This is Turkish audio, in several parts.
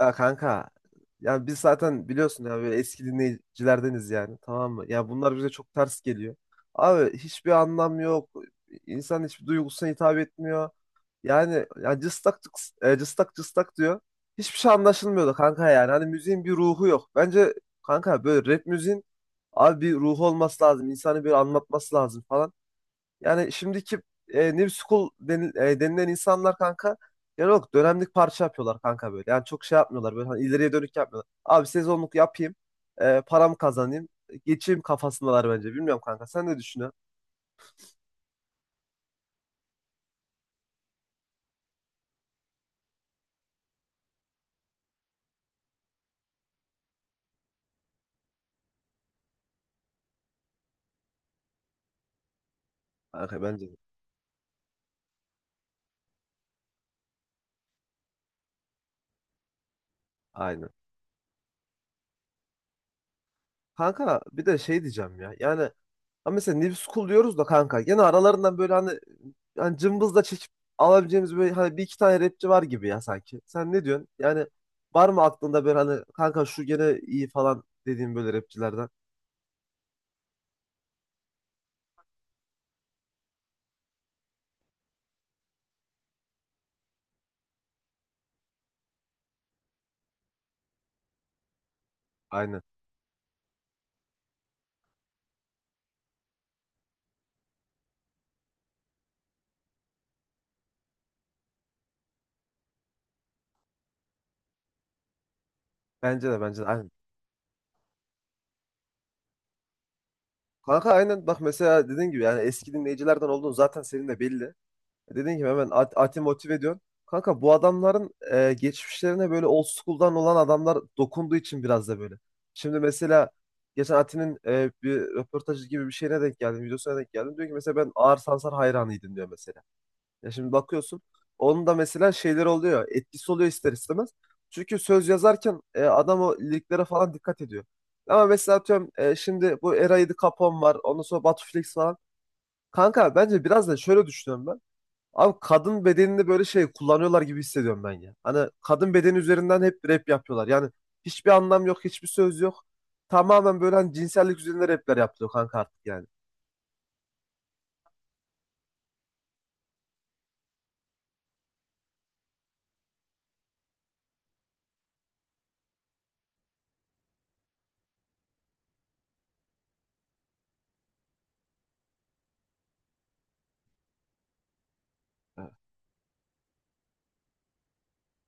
Ya kanka ya biz zaten biliyorsun ya böyle eski dinleyicilerdeniz yani, tamam mı? Ya bunlar bize çok ters geliyor. Abi hiçbir anlam yok. İnsan hiçbir duygusuna hitap etmiyor. Yani ya cıstak cıstak cıstak diyor. Hiçbir şey anlaşılmıyor da kanka yani. Hani müziğin bir ruhu yok. Bence kanka böyle rap müziğin abi bir ruhu olması lazım. İnsanı bir anlatması lazım falan. Yani şimdiki New School denilen insanlar kanka yani yok, dönemlik parça yapıyorlar kanka böyle. Yani çok şey yapmıyorlar böyle, hani ileriye dönük yapmıyorlar. Abi sezonluk yapayım, param kazanayım, geçeyim kafasındalar bence. Bilmiyorum kanka, sen ne düşünüyorsun? Kanka bence de. Aynen. Kanka bir de şey diyeceğim ya yani, ama mesela New School diyoruz da kanka. Yine aralarından böyle hani, hani cımbızla çekip alabileceğimiz böyle hani bir iki tane rapçi var gibi ya sanki. Sen ne diyorsun? Yani var mı aklında böyle hani kanka, şu gene iyi falan dediğim böyle rapçilerden? Aynen. Bence de, bence de, aynen. Kanka aynen, bak mesela dediğin gibi yani eski dinleyicilerden olduğun zaten senin de belli. Dediğim gibi hemen Ati Motive ediyorsun. Kanka bu adamların geçmişlerine böyle old school'dan olan adamlar dokunduğu için biraz da böyle. Şimdi mesela geçen Ati'nin bir röportajı gibi bir şeyine denk geldim. Videosuna denk geldim. Diyor ki mesela, ben Ağır Sansar hayranıydım diyor mesela. Ya şimdi bakıyorsun, onun da mesela şeyler oluyor. Etkisi oluyor ister istemez. Çünkü söz yazarken adam o liriklere falan dikkat ediyor. Ama mesela atıyorum şimdi bu Era 7 Capone var. Ondan sonra Batu Flex falan. Kanka bence biraz da şöyle düşünüyorum ben. Abi kadın bedenini böyle şey kullanıyorlar gibi hissediyorum ben ya. Hani kadın bedeni üzerinden hep rap yapıyorlar. Yani hiçbir anlam yok, hiçbir söz yok. Tamamen böyle hani cinsellik üzerine rapler yapılıyor kanka artık yani. Evet,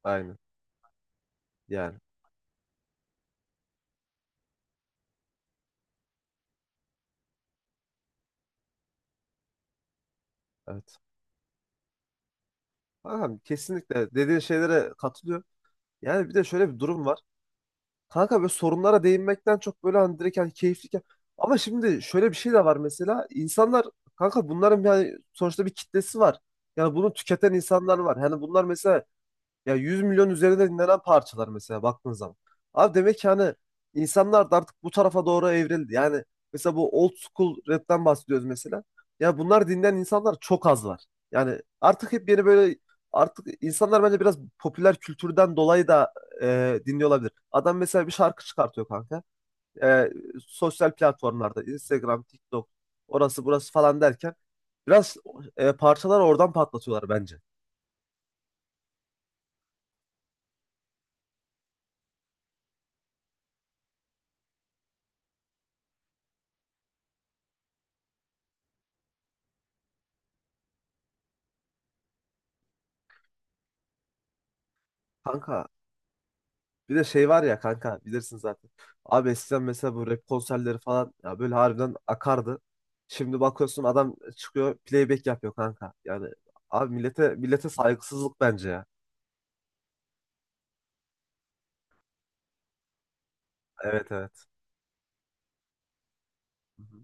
aynen yani, evet. Kankam kesinlikle dediğin şeylere katılıyor. Yani bir de şöyle bir durum var. Kanka böyle sorunlara değinmekten çok böyle hani direkt hani keyifli. Ama şimdi şöyle bir şey de var mesela. İnsanlar kanka bunların yani sonuçta bir kitlesi var. Yani bunu tüketen insanlar var. Yani bunlar mesela, ya 100 milyon üzerinde dinlenen parçalar mesela baktığın zaman. Abi demek ki hani insanlar da artık bu tarafa doğru evrildi. Yani mesela bu old school rap'ten bahsediyoruz mesela. Ya bunlar dinleyen insanlar çok az var. Yani artık hep yeni böyle, artık insanlar bence biraz popüler kültürden dolayı da dinliyor olabilir. Adam mesela bir şarkı çıkartıyor kanka. E, Sosyal platformlarda Instagram, TikTok, orası burası falan derken biraz parçalar oradan patlatıyorlar bence. Kanka bir de şey var ya kanka, bilirsin zaten. Abi eskiden mesela bu rap konserleri falan ya böyle harbiden akardı. Şimdi bakıyorsun adam çıkıyor, playback yapıyor kanka. Yani abi millete saygısızlık bence ya. Evet, evet. Hı hı.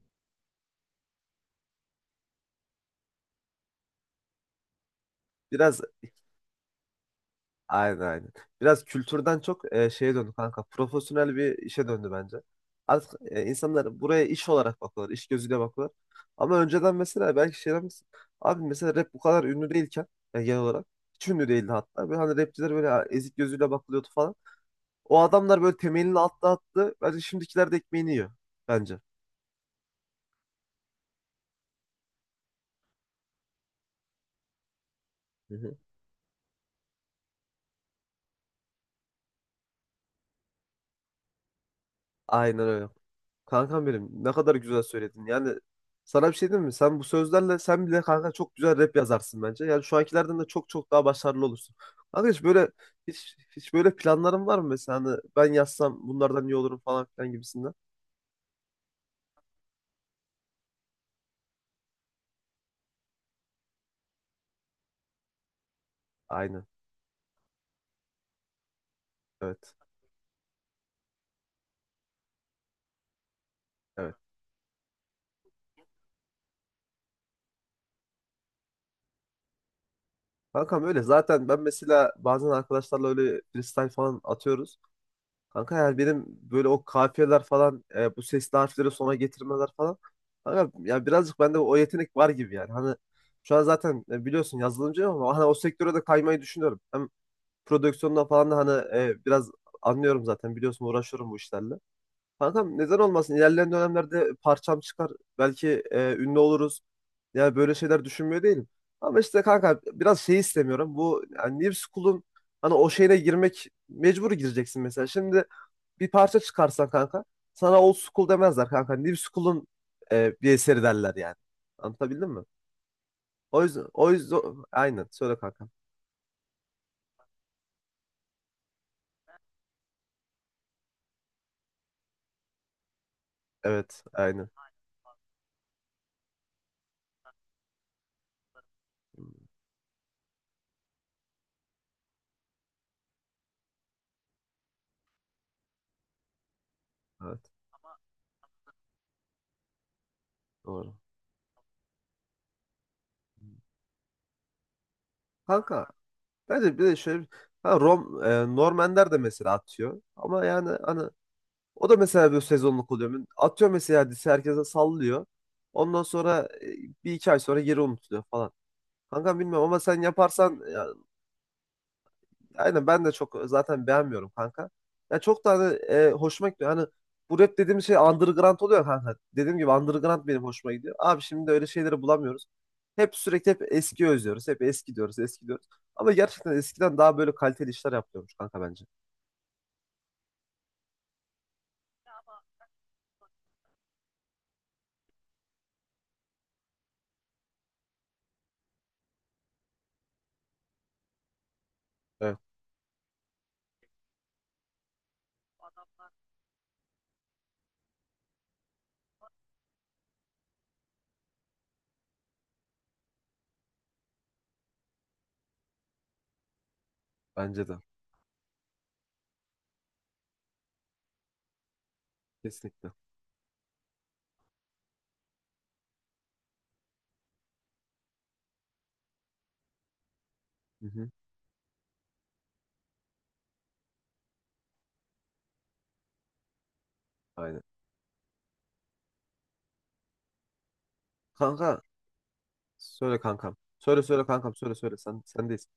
Biraz. Aynen, aynen. Biraz kültürden çok şeye döndü kanka. Profesyonel bir işe döndü bence. Artık insanlar buraya iş olarak bakıyorlar. İş gözüyle bakıyorlar. Ama önceden mesela belki şey demez. Abi mesela rap bu kadar ünlü değilken, yani genel olarak hiç ünlü değildi hatta. Böyle hani rapçiler böyle ezik gözüyle bakılıyordu falan. O adamlar böyle temelini attı. Bence şimdikiler de ekmeğini yiyor. Bence. Hı hı. Aynen öyle. Kankam benim, ne kadar güzel söyledin. Yani sana bir şey diyeyim mi? Sen bu sözlerle sen bile kanka çok güzel rap yazarsın bence. Yani şu ankilerden de çok çok daha başarılı olursun. Kanka hiç böyle planların var mı mesela? Hani ben yazsam bunlardan iyi olurum falan filan gibisinden. Aynen. Evet. Evet. Kankam öyle. Zaten ben mesela bazen arkadaşlarla öyle freestyle falan atıyoruz. Kanka yani benim böyle o kafiyeler falan, bu sesli harfleri sona getirmeler falan. Kanka ya birazcık bende o yetenek var gibi yani. Hani şu an zaten biliyorsun yazılımcıyım ama hani o sektöre de kaymayı düşünüyorum. Hem prodüksiyondan falan da hani biraz anlıyorum, zaten biliyorsun uğraşıyorum bu işlerle. Kanka, neden olmasın, ilerleyen dönemlerde parçam çıkar. Belki ünlü oluruz. Yani böyle şeyler düşünmüyor değilim. Ama işte kanka biraz şey istemiyorum. Bu yani New School'un hani o şeyine girmek, mecbur gireceksin mesela. Şimdi bir parça çıkarsan kanka, sana old school demezler kanka. New school'un bir eseri derler yani. Anlatabildim mi? O yüzden aynen söyle kanka. Evet, aynen. Evet, doğru. Kanka bence bir de şöyle Normanler de mesela atıyor. Ama yani hani o da mesela bir sezonluk oluyor. Atıyor mesela, dizi herkese sallıyor. Ondan sonra bir iki ay sonra geri unutuluyor falan. Kanka bilmiyorum ama sen yaparsan, aynen ben de çok zaten beğenmiyorum kanka. Ya çok da hani hoşuma gidiyor. Hani bu rap dediğim şey underground oluyor kanka. Dediğim gibi underground benim hoşuma gidiyor. Abi şimdi öyle şeyleri bulamıyoruz. Hep sürekli hep eski özlüyoruz. Hep eski diyoruz, eski diyoruz. Ama gerçekten eskiden daha böyle kaliteli işler yapıyormuş kanka bence. Evet, bence de. Kesinlikle. Hı hı. Aynen. Kanka, söyle kankam. Söyle söyle kankam, söyle söyle. Sen sendeyiz.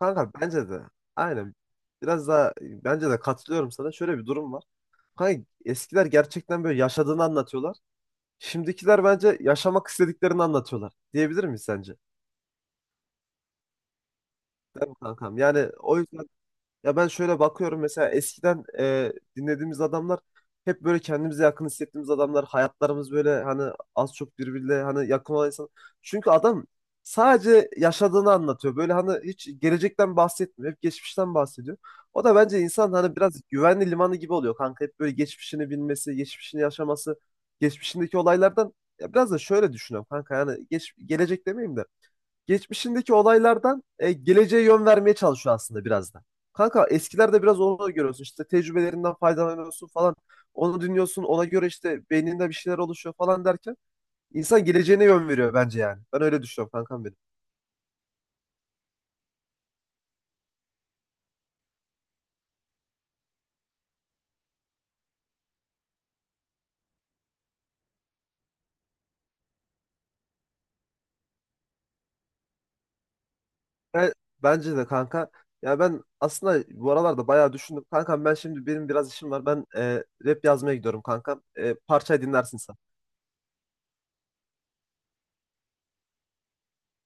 Kanka bence de. Aynen. Biraz daha bence de katılıyorum sana. Şöyle bir durum var. Kanka eskiler gerçekten böyle yaşadığını anlatıyorlar. Şimdikiler bence yaşamak istediklerini anlatıyorlar. Diyebilir miyiz sence? Kankam yani o yüzden, ya ben şöyle bakıyorum mesela eskiden dinlediğimiz adamlar hep böyle kendimize yakın hissettiğimiz adamlar. Hayatlarımız böyle hani az çok birbiriyle hani yakın olan insan. Çünkü adam sadece yaşadığını anlatıyor. Böyle hani hiç gelecekten bahsetmiyor. Hep geçmişten bahsediyor. O da bence insan hani biraz güvenli limanı gibi oluyor kanka. Hep böyle geçmişini bilmesi, geçmişini yaşaması, geçmişindeki olaylardan, ya biraz da şöyle düşünüyorum kanka. Yani gelecek demeyeyim de, geçmişindeki olaylardan geleceğe yön vermeye çalışıyor aslında biraz da. Kanka eskilerde biraz onu görüyorsun. İşte tecrübelerinden faydalanıyorsun falan. Onu dinliyorsun. Ona göre işte beyninde bir şeyler oluşuyor falan derken insan geleceğine yön veriyor bence yani. Ben öyle düşünüyorum kankam benim. Ben- bence de kanka. Ya ben aslında bu aralarda bayağı düşündüm. Kankam ben şimdi, benim biraz işim var. Ben rap yazmaya gidiyorum kankam. Parçayı dinlersin sen.